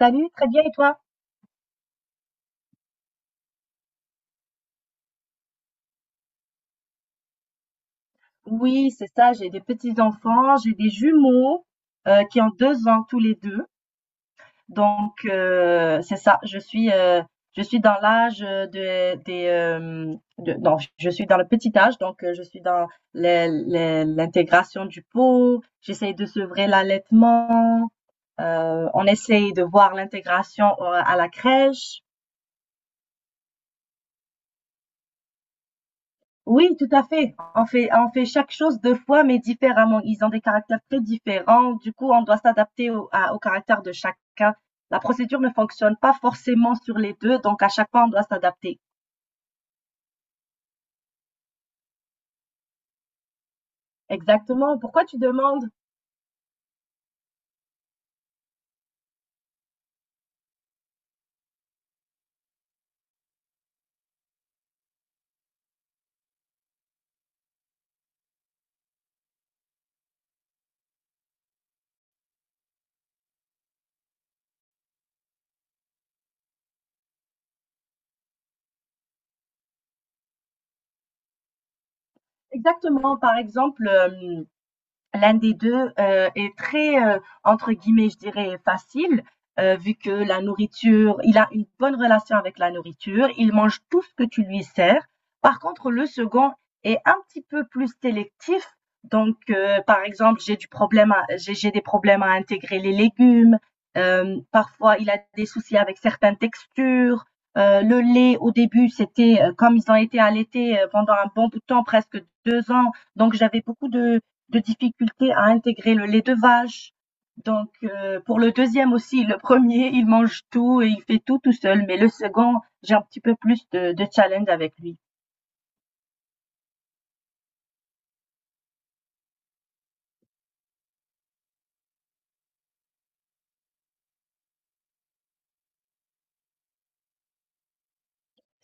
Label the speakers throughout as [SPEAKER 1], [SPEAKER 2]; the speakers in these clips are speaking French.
[SPEAKER 1] Salut, très bien et toi? Oui, c'est ça, j'ai des petits-enfants, j'ai des jumeaux qui ont 2 ans tous les deux. Donc, c'est ça, je suis dans l'âge non, je suis dans le petit âge, donc je suis dans l'intégration du pot, j'essaye de sevrer l'allaitement, on essaye de voir l'intégration à la crèche. Oui, tout à fait. On fait chaque chose 2 fois, mais différemment. Ils ont des caractères très différents. Du coup, on doit s'adapter au caractère de chacun. La procédure ne fonctionne pas forcément sur les 2, donc à chaque fois, on doit s'adapter. Exactement. Pourquoi tu demandes? Exactement. Par exemple, hem L'un des 2 est très, entre guillemets, je dirais «facile», vu que la nourriture il a une bonne relation avec la nourriture, il mange tout ce que tu lui sers. Par contre, le second est un petit peu plus sélectif, donc par exemple, j'ai des problèmes à intégrer les légumes, parfois il a des soucis avec certaines textures, le lait au début, c'était, comme ils ont été allaités, pendant un bon bout de temps, presque 2 ans, donc j'avais beaucoup de difficulté à intégrer le lait de vache. Donc pour le deuxième aussi, le premier, il mange tout et il fait tout tout seul, mais le second, j'ai un petit peu plus de challenge avec lui.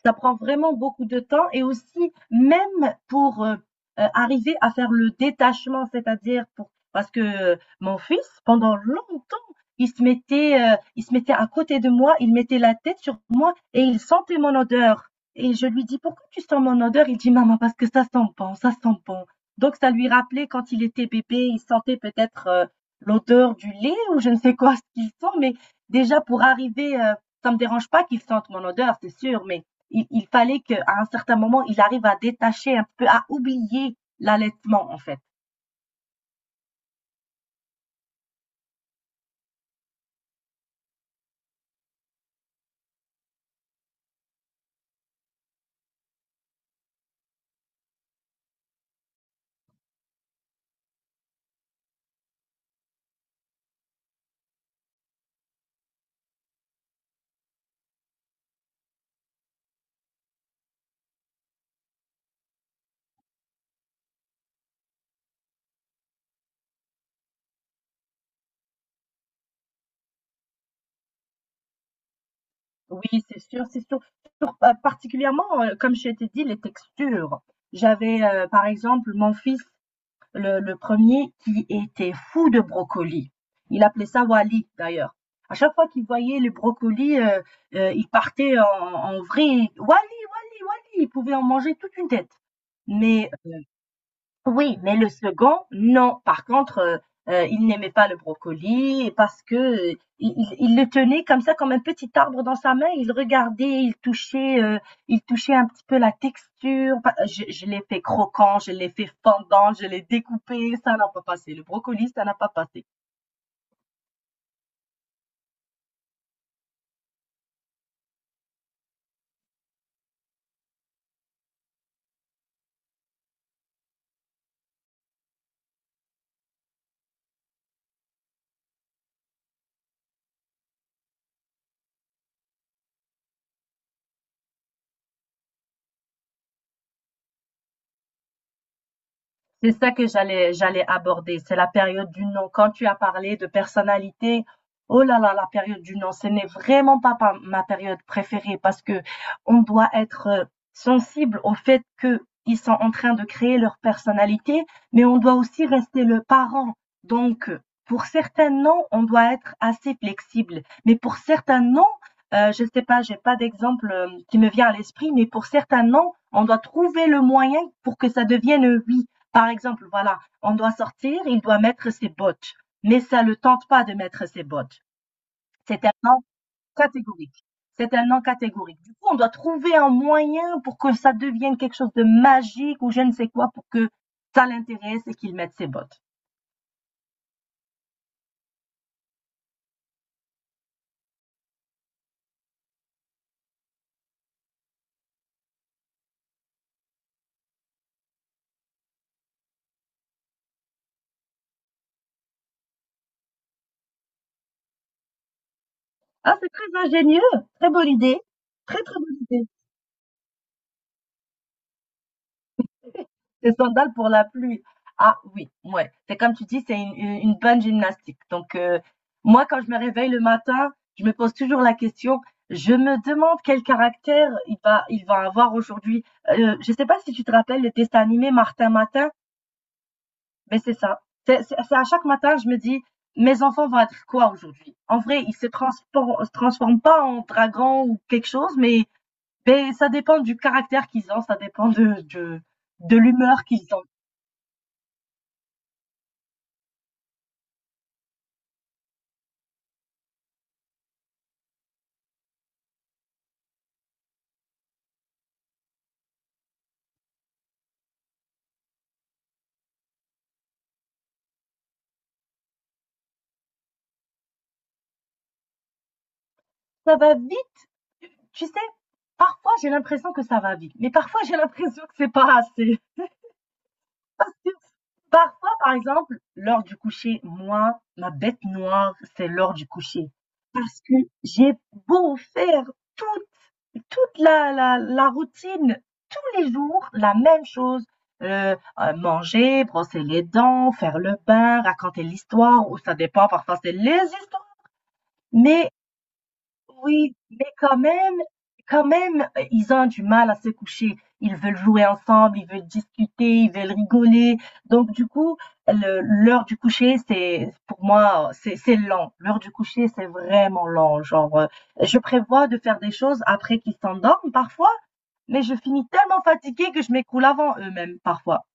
[SPEAKER 1] Ça prend vraiment beaucoup de temps et aussi même pour arriver à faire le détachement, c'est-à-dire pour parce que mon fils pendant longtemps il se mettait à côté de moi, il mettait la tête sur moi et il sentait mon odeur et je lui dis pourquoi tu sens mon odeur. Il dit maman parce que ça sent bon, ça sent bon. Donc ça lui rappelait quand il était bébé, il sentait peut-être l'odeur du lait ou je ne sais quoi ce qu'il sent, mais déjà pour arriver ça me dérange pas qu'il sente mon odeur, c'est sûr, mais il fallait qu'à un certain moment, il arrive à détacher un peu, à oublier l'allaitement, en fait. Oui, c'est sûr, c'est sûr. Particulièrement, comme je t'ai dit, les textures. J'avais, par exemple, mon fils, le premier, qui était fou de brocoli. Il appelait ça Wally, d'ailleurs. À chaque fois qu'il voyait les brocolis, il partait en vrille. Wally, Wally, Wally. Il pouvait en manger toute une tête. Mais Oui, mais le second, non. Par contre, il n'aimait pas le brocoli parce que, il le tenait comme ça, comme un petit arbre dans sa main. Il regardait, il touchait un petit peu la texture. Pas je l'ai fait croquant, je l'ai fait fondant, je l'ai découpé. Ça n'a pas passé. Le brocoli, ça n'a pas passé. C'est ça que j'allais aborder, c'est la période du non. Quand tu as parlé de personnalité, oh là là, la période du non, ce n'est vraiment pas ma période préférée parce que on doit être sensible au fait que ils sont en train de créer leur personnalité, mais on doit aussi rester le parent. Donc, pour certains noms, on doit être assez flexible, mais pour certains noms, je ne sais pas, j'ai pas d'exemple qui me vient à l'esprit, mais pour certains noms, on doit trouver le moyen pour que ça devienne un oui. Par exemple, voilà, on doit sortir, il doit mettre ses bottes, mais ça ne le tente pas de mettre ses bottes. C'est un non catégorique. C'est un non catégorique. Du coup, on doit trouver un moyen pour que ça devienne quelque chose de magique ou je ne sais quoi pour que ça l'intéresse et qu'il mette ses bottes. Ah, c'est très ingénieux, très bonne idée, très très bonne idée. Des sandales pour la pluie. Ah oui, ouais. C'est comme tu dis, c'est une bonne gymnastique. Donc, moi, quand je me réveille le matin, je me pose toujours la question, je me demande quel caractère il va avoir aujourd'hui. Je ne sais pas si tu te rappelles le dessin animé Martin Matin, mais c'est ça. C'est à chaque matin, je me dis, mes enfants vont être quoi aujourd'hui? En vrai, ils se transforment pas en dragon ou quelque chose, mais ça dépend du caractère qu'ils ont, ça dépend de l'humeur qu'ils ont. Ça va vite. Tu sais, parfois j'ai l'impression que ça va vite, mais parfois j'ai l'impression que c'est pas assez. Parfois, par exemple, l'heure du coucher, moi, ma bête noire, c'est l'heure du coucher. Parce que j'ai beau faire toute, toute la routine, tous les jours, la même chose. Manger, brosser les dents, faire le bain, raconter l'histoire, ou ça dépend, parfois c'est les histoires. Mais Oui, mais quand même, ils ont du mal à se coucher. Ils veulent jouer ensemble, ils veulent discuter, ils veulent rigoler. Donc, du coup, l'heure du coucher, c'est, pour moi, c'est lent. L'heure du coucher, c'est vraiment lent. Genre, je prévois de faire des choses après qu'ils s'endorment parfois, mais je finis tellement fatiguée que je m'écoule avant eux-mêmes parfois.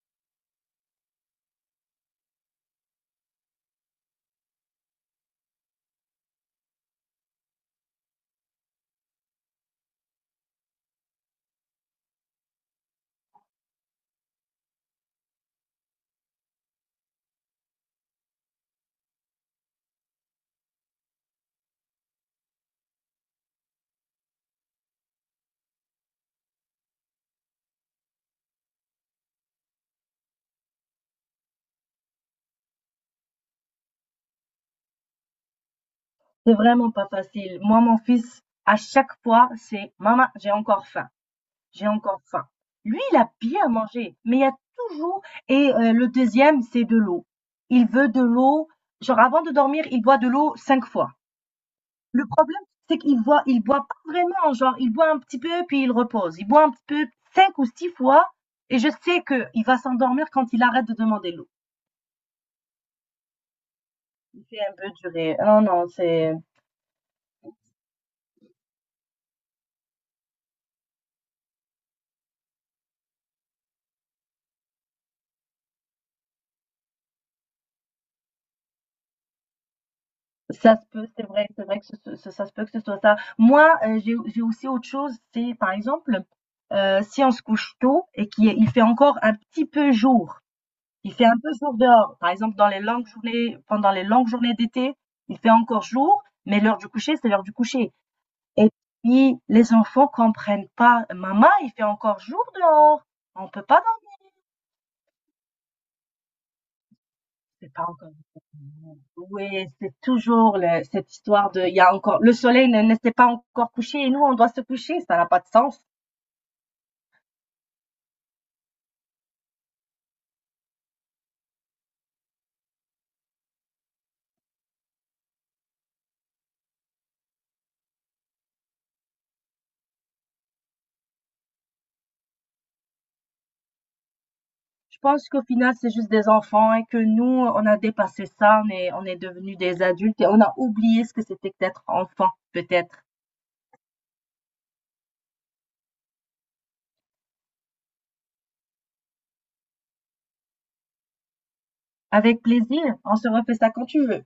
[SPEAKER 1] C'est vraiment pas facile. Moi, mon fils, à chaque fois, c'est, maman, j'ai encore faim. J'ai encore faim. Lui, il a bien mangé, mais il y a toujours. Et le deuxième, c'est de l'eau. Il veut de l'eau, genre avant de dormir, il boit de l'eau 5 fois. Le problème, c'est qu'il boit, il boit pas vraiment, genre il boit un petit peu puis il repose. Il boit un petit peu 5 ou 6 fois et je sais que il va s'endormir quand il arrête de demander l'eau. Il fait un peu durer. Non, non, c'est. Ça se peut, c'est vrai que ce ce ça se peut que ce soit ça. Moi, j'ai aussi autre chose, c'est par exemple, si on se couche tôt et qu'il il fait encore un petit peu jour, il fait un peu jour dehors, par exemple dans les longues journées, pendant les longues journées d'été, il fait encore jour, mais l'heure du coucher, c'est l'heure du coucher, et puis les enfants comprennent pas: «Maman, il fait encore jour dehors, on peut pas.» C'est pas encore. Oui, c'est toujours cette histoire de, il y a encore, le soleil ne s'est pas encore couché et nous, on doit se coucher. Ça n'a pas de sens. Je pense qu'au final, c'est juste des enfants et que nous, on a dépassé ça. On est devenus des adultes et on a oublié ce que c'était que d'être enfant, peut-être. Avec plaisir. On se refait ça quand tu veux.